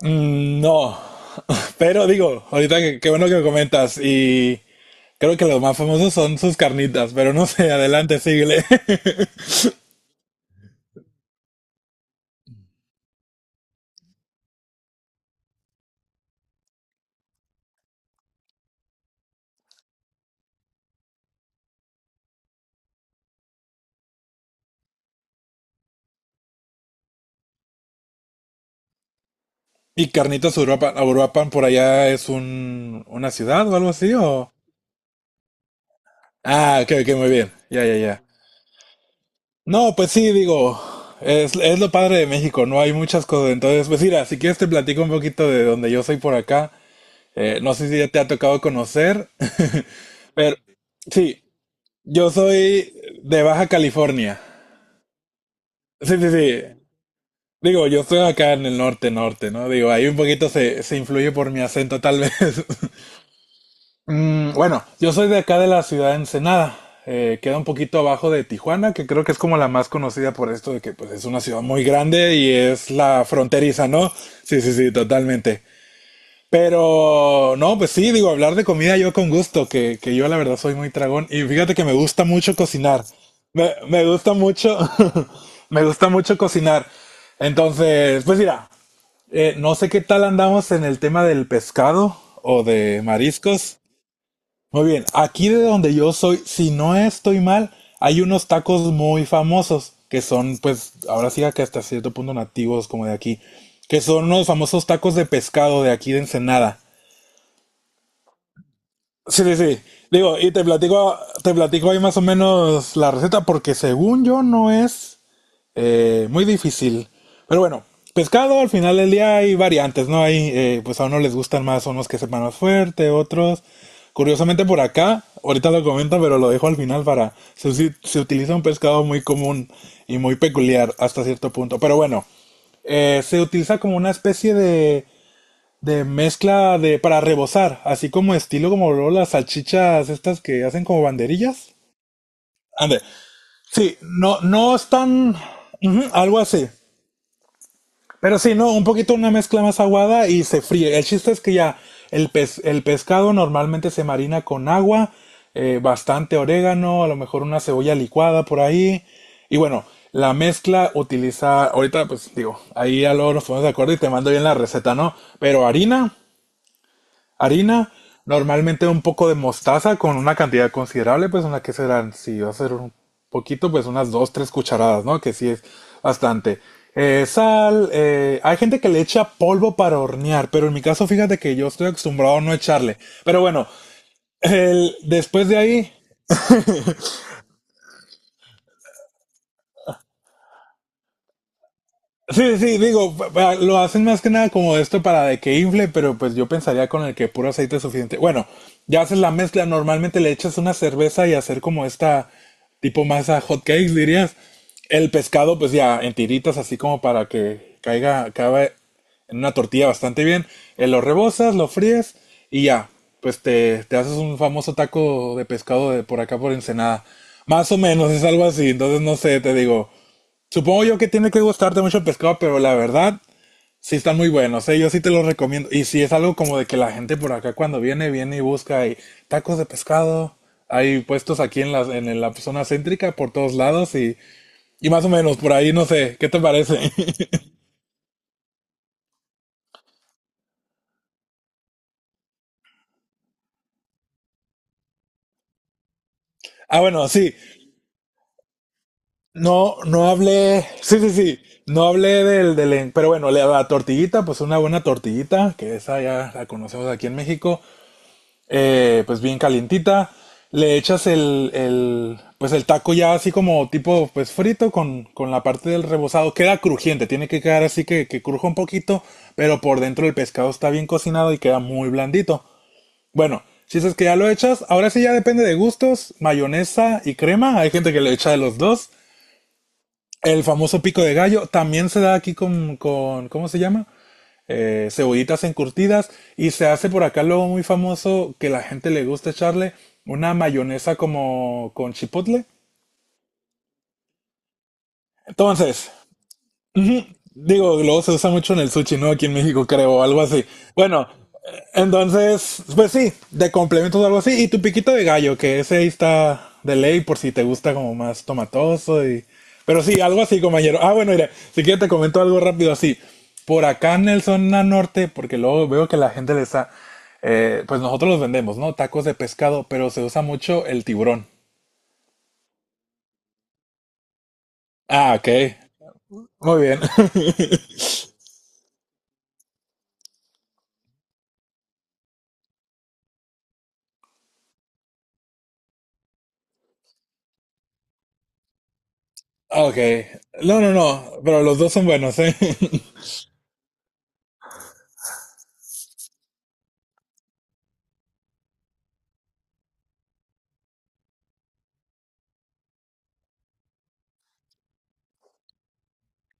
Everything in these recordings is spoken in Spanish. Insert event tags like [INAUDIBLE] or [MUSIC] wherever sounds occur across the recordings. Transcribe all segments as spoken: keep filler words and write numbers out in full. Mm, no. [LAUGHS] Pero digo, ahorita que- qué bueno que me comentas, y creo que los más famosos son sus carnitas, pero no sé. [LAUGHS] Adelante, síguele. [LAUGHS] ¿Y carnitas Uruapan? Uruapan por allá es un, una ciudad o algo así, o... Ah, ok, ok, muy bien. Ya, ya, ya. No, pues sí, digo, es, es lo padre de México, no hay muchas cosas. Entonces, pues mira, si quieres te platico un poquito de donde yo soy por acá. Eh, no sé si ya te ha tocado conocer. [LAUGHS] Pero sí, yo soy de Baja California. Sí, sí, sí. Digo, yo estoy acá en el norte, norte, ¿no? Digo, ahí un poquito se, se influye por mi acento, tal vez. [LAUGHS] Mm, bueno, yo soy de acá de la ciudad de Ensenada. Eh, queda un poquito abajo de Tijuana, que creo que es como la más conocida por esto de que, pues, es una ciudad muy grande y es la fronteriza, ¿no? Sí, sí, sí, totalmente. Pero no, pues sí, digo, hablar de comida yo con gusto, que, que yo la verdad soy muy tragón. Y fíjate que me gusta mucho cocinar. Me, me gusta mucho, [LAUGHS] me gusta mucho cocinar. Entonces, pues mira, eh, no sé qué tal andamos en el tema del pescado o de mariscos. Muy bien, aquí de donde yo soy, si no estoy mal, hay unos tacos muy famosos que son, pues, ahora sí que hasta cierto punto nativos como de aquí, que son los famosos tacos de pescado de aquí de Ensenada. Sí, sí, sí. Digo, y te platico, te platico ahí más o menos la receta porque, según yo, no es eh, muy difícil. Pero bueno, pescado al final del día hay variantes, ¿no? Hay, eh, pues a uno les gustan más unos que sepan más fuerte, otros. Curiosamente por acá, ahorita lo comento, pero lo dejo al final para... Se, usi- se utiliza un pescado muy común y muy peculiar hasta cierto punto. Pero bueno, eh, se utiliza como una especie de de mezcla de para rebozar, así como estilo como luego las salchichas estas que hacen como banderillas. Ande. Sí, no, no están ujú, algo así. Pero sí, no, un poquito una mezcla más aguada y se fríe. El chiste es que ya el, pes- el pescado normalmente se marina con agua, eh, bastante orégano, a lo mejor una cebolla licuada por ahí. Y bueno, la mezcla utiliza, ahorita pues digo, ahí ya luego nos ponemos de acuerdo y te mando bien la receta, ¿no? Pero harina, harina, normalmente un poco de mostaza con una cantidad considerable, pues una que serán, si va a ser un poquito, pues unas dos, tres cucharadas, ¿no? Que sí es bastante. Eh, sal, eh, hay gente que le echa polvo para hornear, pero en mi caso fíjate que yo estoy acostumbrado a no echarle. Pero bueno, el- después de ahí sí, sí, sí, digo, pa- pa- lo hacen más que nada como esto para de que infle, pero pues yo pensaría con el que puro aceite es suficiente. Bueno, ya haces la mezcla, normalmente le echas una cerveza y hacer como esta tipo masa hot cakes, dirías. El pescado pues ya en tiritas así como para que caiga, caiga en una tortilla bastante bien. Eh, lo rebozas, lo fríes y ya, pues te, te haces un famoso taco de pescado de por acá por Ensenada. Más o menos es algo así, entonces no sé, te digo. Supongo yo que tiene que gustarte mucho el pescado, pero la verdad, sí están muy buenos, ¿eh? Yo sí te los recomiendo. Y si es algo como de que la gente por acá cuando viene, viene y busca hay tacos de pescado. Hay puestos aquí en la, en la zona céntrica por todos lados y, y más o menos por ahí, no sé, ¿qué te parece? [LAUGHS] Ah, bueno, sí, no, no hablé, sí, sí, sí, no hablé del, del, en- pero bueno, la, la tortillita, pues una buena tortillita, que esa ya la conocemos aquí en México. Eh, pues bien calientita. Le echas el, el, pues el taco ya así como tipo pues frito con, con la parte del rebozado. Queda crujiente, tiene que quedar así que, que cruja un poquito, pero por dentro el pescado está bien cocinado y queda muy blandito. Bueno, si es que ya lo echas, ahora sí ya depende de gustos, mayonesa y crema. Hay gente que le echa de los dos. El famoso pico de gallo también se da aquí con, con, ¿cómo se llama? Eh, cebollitas encurtidas, y se hace por acá luego muy famoso que la gente le gusta echarle una mayonesa como con chipotle. Entonces, ujú, digo, luego se usa mucho en el sushi, ¿no? Aquí en México, creo, algo así. Bueno, eh, entonces, pues sí, de complementos algo así. Y tu piquito de gallo, que ese ahí está de ley por si te gusta como más tomatoso y... Pero sí, algo así, compañero. Ah, bueno, mira, si quieres te comento algo rápido así. Por acá en el zona norte, porque luego veo que la gente le está... eh, Pues nosotros los vendemos, ¿no? Tacos de pescado, pero se usa mucho el tiburón. Ah, ok. Muy bien. [LAUGHS] Ah, ok. No, no, no. Pero los dos son buenos, ¿eh?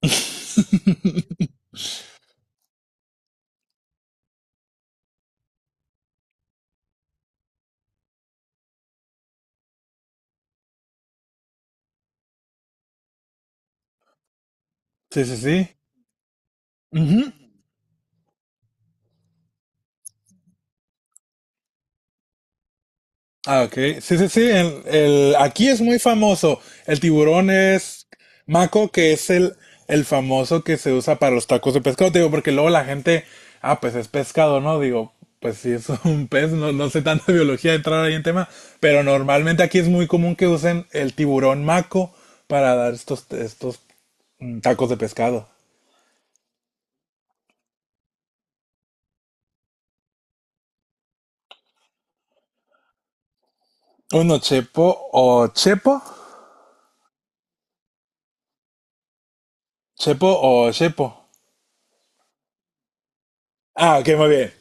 [LAUGHS] Sí, sí, sí. Ujú. Ah, ok. Sí, sí, sí. El, el- aquí es muy famoso. El tiburón es maco, que es el, el famoso que se usa para los tacos de pescado. Te digo, porque luego la gente, ah, pues es pescado, ¿no? Digo, pues sí, es un pez. No, no sé tanta biología entrar ahí en tema. Pero normalmente aquí es muy común que usen el tiburón maco para dar estos, estos mm, tacos de pescado. Uno chepo o chepo. Chepo o chepo. Ah, ok, muy bien.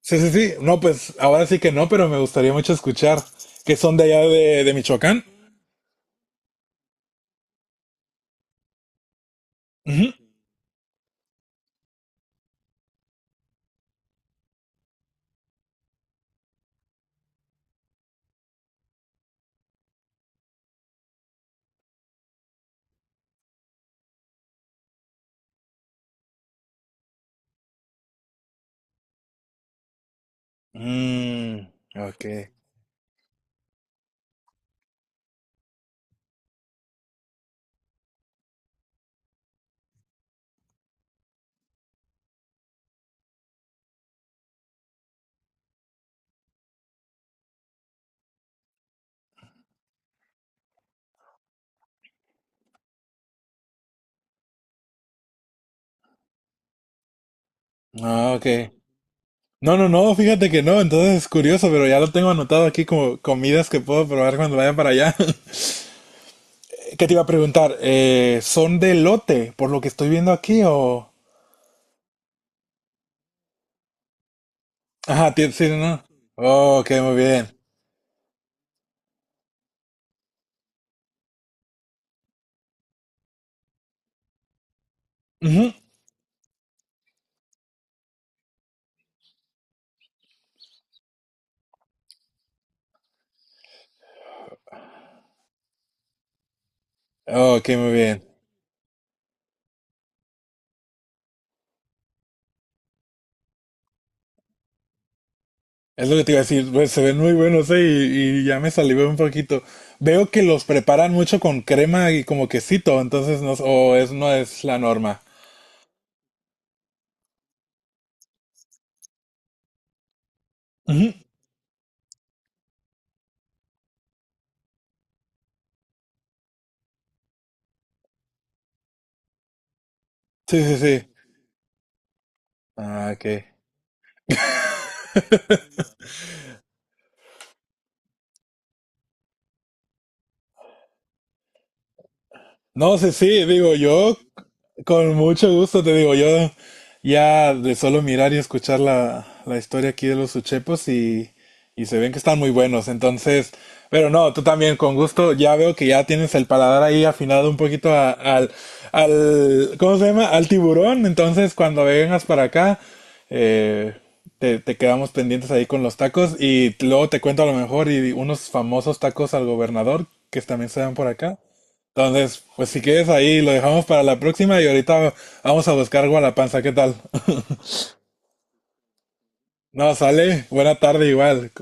Sí, sí, sí. No, pues ahora sí que no, pero me gustaría mucho escuchar que son de allá de, de Michoacán. Ujú. Mm, ok. Ah, ok. No, no, no, fíjate que no, entonces es curioso, pero ya lo tengo anotado aquí como comidas que puedo probar cuando vaya para allá. [LAUGHS] ¿Qué te iba a preguntar? Eh, ¿son de lote, por lo que estoy viendo aquí, o...? Ajá, ti- sí, no. Ok, muy bien. Ujú. Ok, muy bien. Es lo que te iba a decir, pues, se ven muy buenos, eh, y, y ya me salivé un poquito. Veo que los preparan mucho con crema y como quesito, entonces no, o es, no es la norma. Ujú. Sí, sí, sí. Ah, ok. [LAUGHS] No, sí, sí, digo, yo con mucho gusto te digo, yo ya de solo mirar y escuchar la, la historia aquí de los uchepos y, y se ven que están muy buenos, entonces, pero no, tú también con gusto, ya veo que ya tienes el paladar ahí afinado un poquito a- al, al, ¿cómo se llama? Al tiburón, entonces cuando vengas para acá, eh, te, te quedamos pendientes ahí con los tacos y luego te cuento a lo mejor y unos famosos tacos al gobernador que también se dan por acá. Entonces, pues si quieres ahí, lo dejamos para la próxima y ahorita vamos a buscar Gualapanza, ¿qué tal? [LAUGHS] No, sale, buena tarde igual.